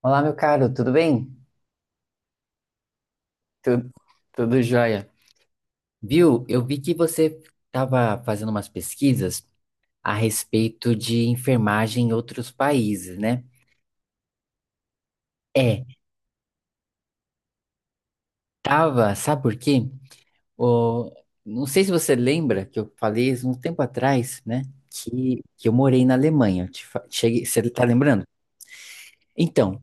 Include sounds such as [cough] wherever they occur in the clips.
Olá, meu caro, tudo bem? Tudo, tudo jóia. Viu? Eu vi que você estava fazendo umas pesquisas a respeito de enfermagem em outros países, né? É, tava, sabe por quê? O, não sei se você lembra que eu falei isso um tempo atrás, né? Que eu morei na Alemanha. Cheguei, você tá lembrando? Então,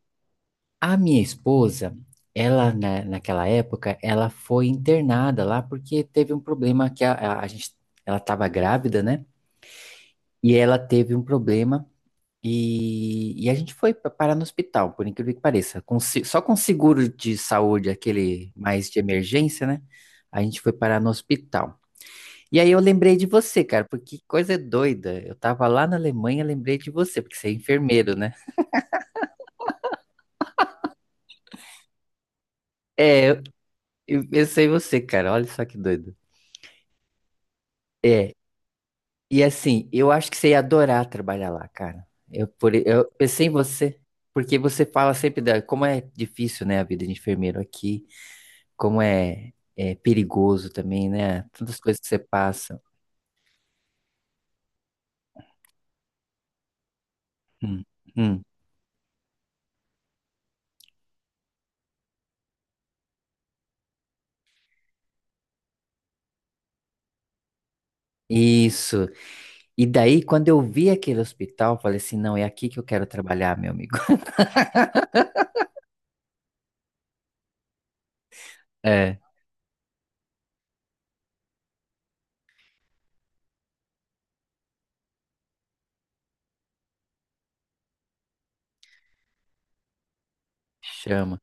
a minha esposa, ela naquela época, ela foi internada lá porque teve um problema que a gente, ela estava grávida, né? E ela teve um problema e a gente foi parar no hospital, por incrível que pareça, com se- só com seguro de saúde, aquele mais de emergência, né? A gente foi parar no hospital. E aí eu lembrei de você, cara, porque que coisa doida. Eu tava lá na Alemanha, lembrei de você, porque você é enfermeiro, né? É, eu pensei em você, cara, olha só que doido. É, e assim, eu acho que você ia adorar trabalhar lá, cara. Eu pensei em você, porque você fala sempre da, como é difícil, né, a vida de enfermeiro aqui, como é perigoso também, né? Tantas coisas que você passa. Hum, hum. Isso. E daí, quando eu vi aquele hospital, eu falei assim, não, é aqui que eu quero trabalhar, meu amigo. [laughs] É, chama.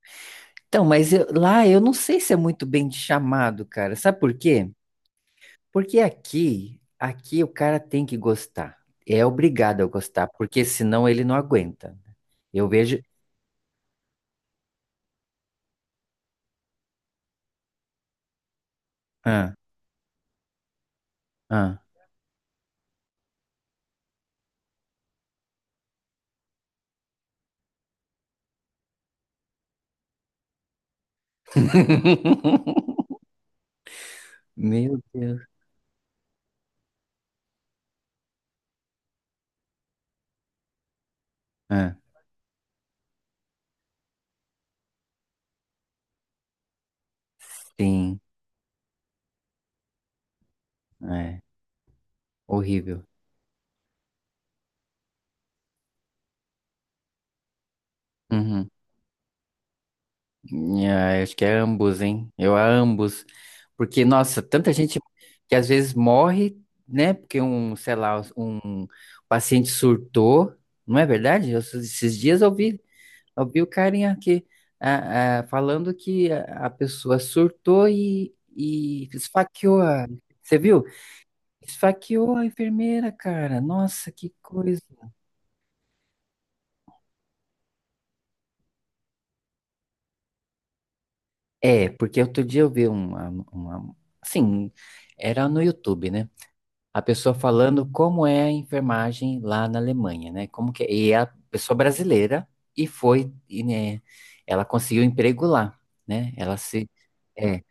Então, mas lá eu não sei se é muito bem chamado, cara. Sabe por quê? Porque aqui o cara tem que gostar. É obrigado a gostar, porque senão ele não aguenta. Eu vejo. Ah, ah. [laughs] Meu Deus. Ah, sim, é horrível. Uhum. Ah, eu acho que é ambos, hein? Eu a ambos. Porque, nossa, tanta gente que às vezes morre, né? Porque um, sei lá, um paciente surtou. Não é verdade? Esses dias, eu vi o carinha aqui, falando que a pessoa surtou e esfaqueou a. Você viu? Esfaqueou a enfermeira, cara. Nossa, que coisa. É, porque outro dia eu vi uma. Assim, era no YouTube, né? A pessoa falando como é a enfermagem lá na Alemanha, né? Como que é. E é a pessoa brasileira e foi, e, né, ela conseguiu emprego lá, né? Ela se. É,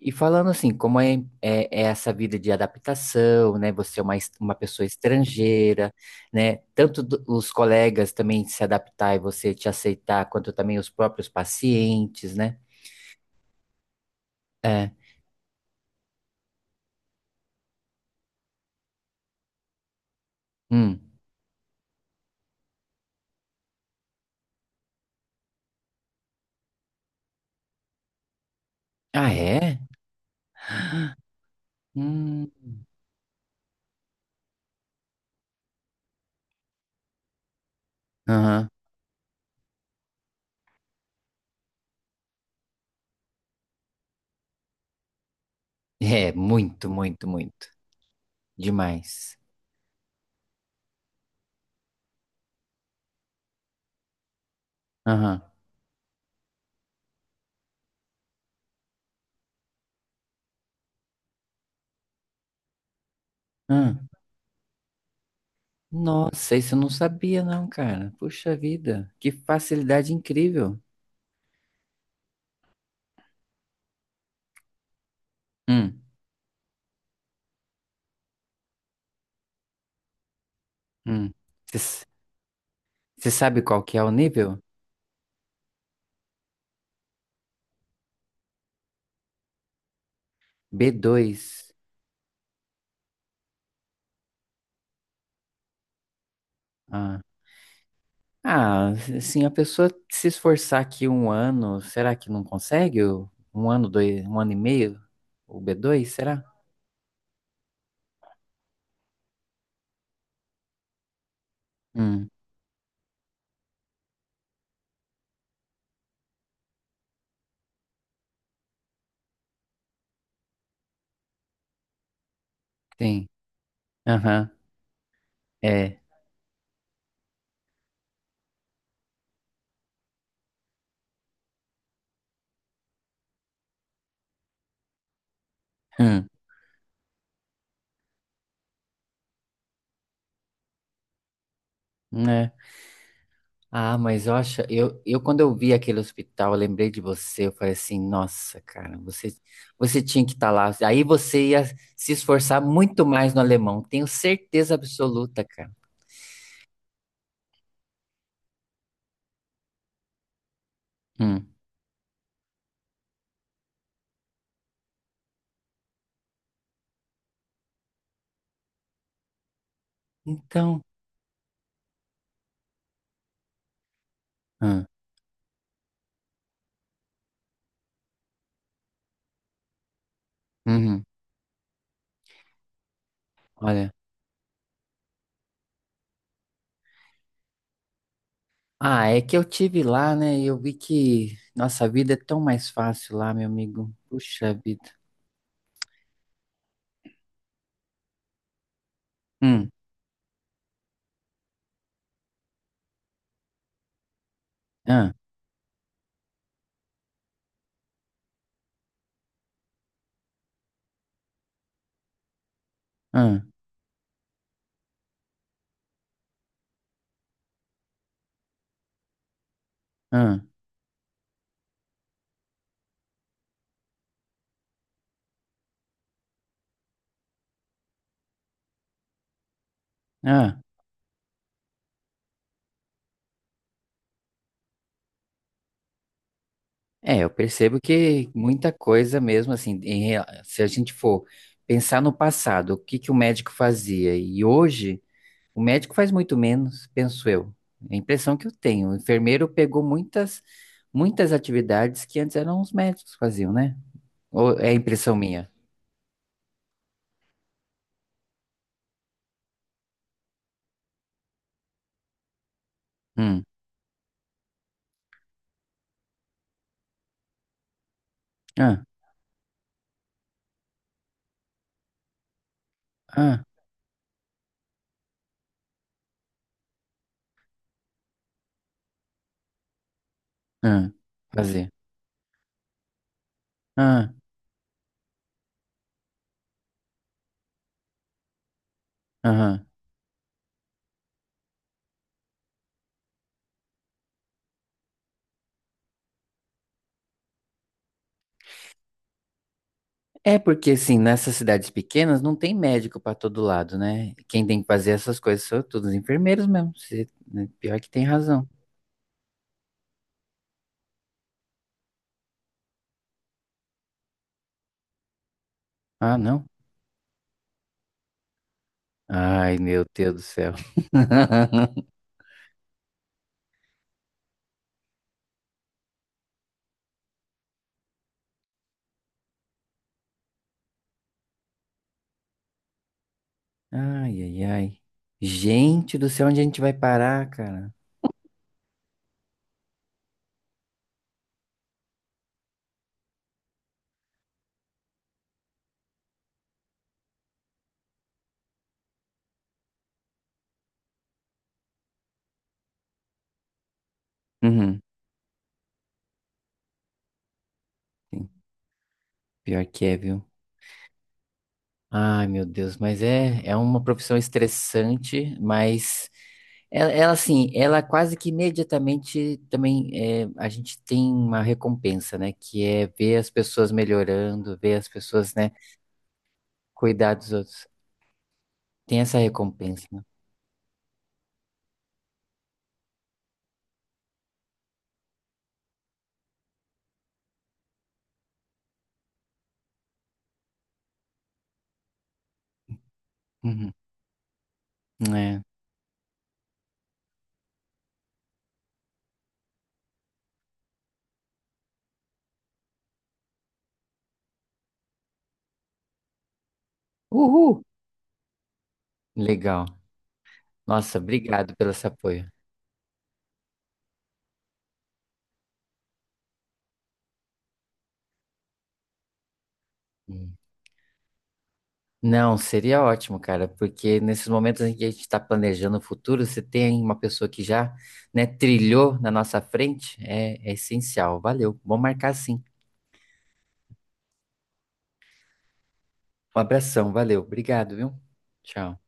e falando assim, como é essa vida de adaptação, né? Você é uma pessoa estrangeira, né? Tanto os colegas também se adaptar e você te aceitar, quanto também os próprios pacientes, né? É. Hum. Ah, é? Hum. Aham. É, muito, muito, muito. Demais. Aham. Hum. Nossa, isso eu não sabia, não, cara. Puxa vida, que facilidade incrível. Hum. Hum. Você sabe qual que é o nível? B2, ah, ah, assim, a pessoa se esforçar aqui um ano, será que não consegue? Um ano, dois, um ano e meio? O B2, será? Hum, sim. Aham, é. Hum, né? Ah, mas eu acho, eu quando eu vi aquele hospital, eu lembrei de você, eu falei assim, nossa, cara, você tinha que estar lá. Aí você ia se esforçar muito mais no alemão, tenho certeza absoluta, cara. Hum. Então, hum, uhum, olha. Ah, é que eu tive lá, né? E eu vi que nossa vida é tão mais fácil lá, meu amigo. Puxa vida. Hum, ah, ah, ah, ah. É, eu percebo que muita coisa mesmo, assim, se a gente for pensar no passado, o que que o médico fazia? E hoje, o médico faz muito menos, penso eu. É a impressão que eu tenho. O enfermeiro pegou muitas, muitas atividades que antes eram os médicos que faziam, né? Ou é a impressão minha? Hum, ah, ah, ah. Fazer. Ah, aham. É porque, assim, nessas cidades pequenas não tem médico pra todo lado, né? Quem tem que fazer essas coisas são todos os enfermeiros mesmo. Pior que tem razão. Ah, não? Ai, meu Deus do céu. [laughs] Ai, ai, ai. Gente do céu, onde a gente vai parar, cara? Uhum. Sim. Pior que é, viu? Ai, meu Deus, mas é uma profissão estressante, mas ela, assim, ela quase que imediatamente também é, a gente tem uma recompensa, né? Que é ver as pessoas melhorando, ver as pessoas, né, cuidar dos outros. Tem essa recompensa, né? Uhum. É. Uhul! Legal. Nossa, obrigado pelo seu apoio. Hum. Não, seria ótimo, cara, porque nesses momentos em que a gente está planejando o futuro, você tem uma pessoa que já, né, trilhou na nossa frente, é essencial. Valeu, vamos marcar sim. Um abração, valeu, obrigado, viu? Tchau.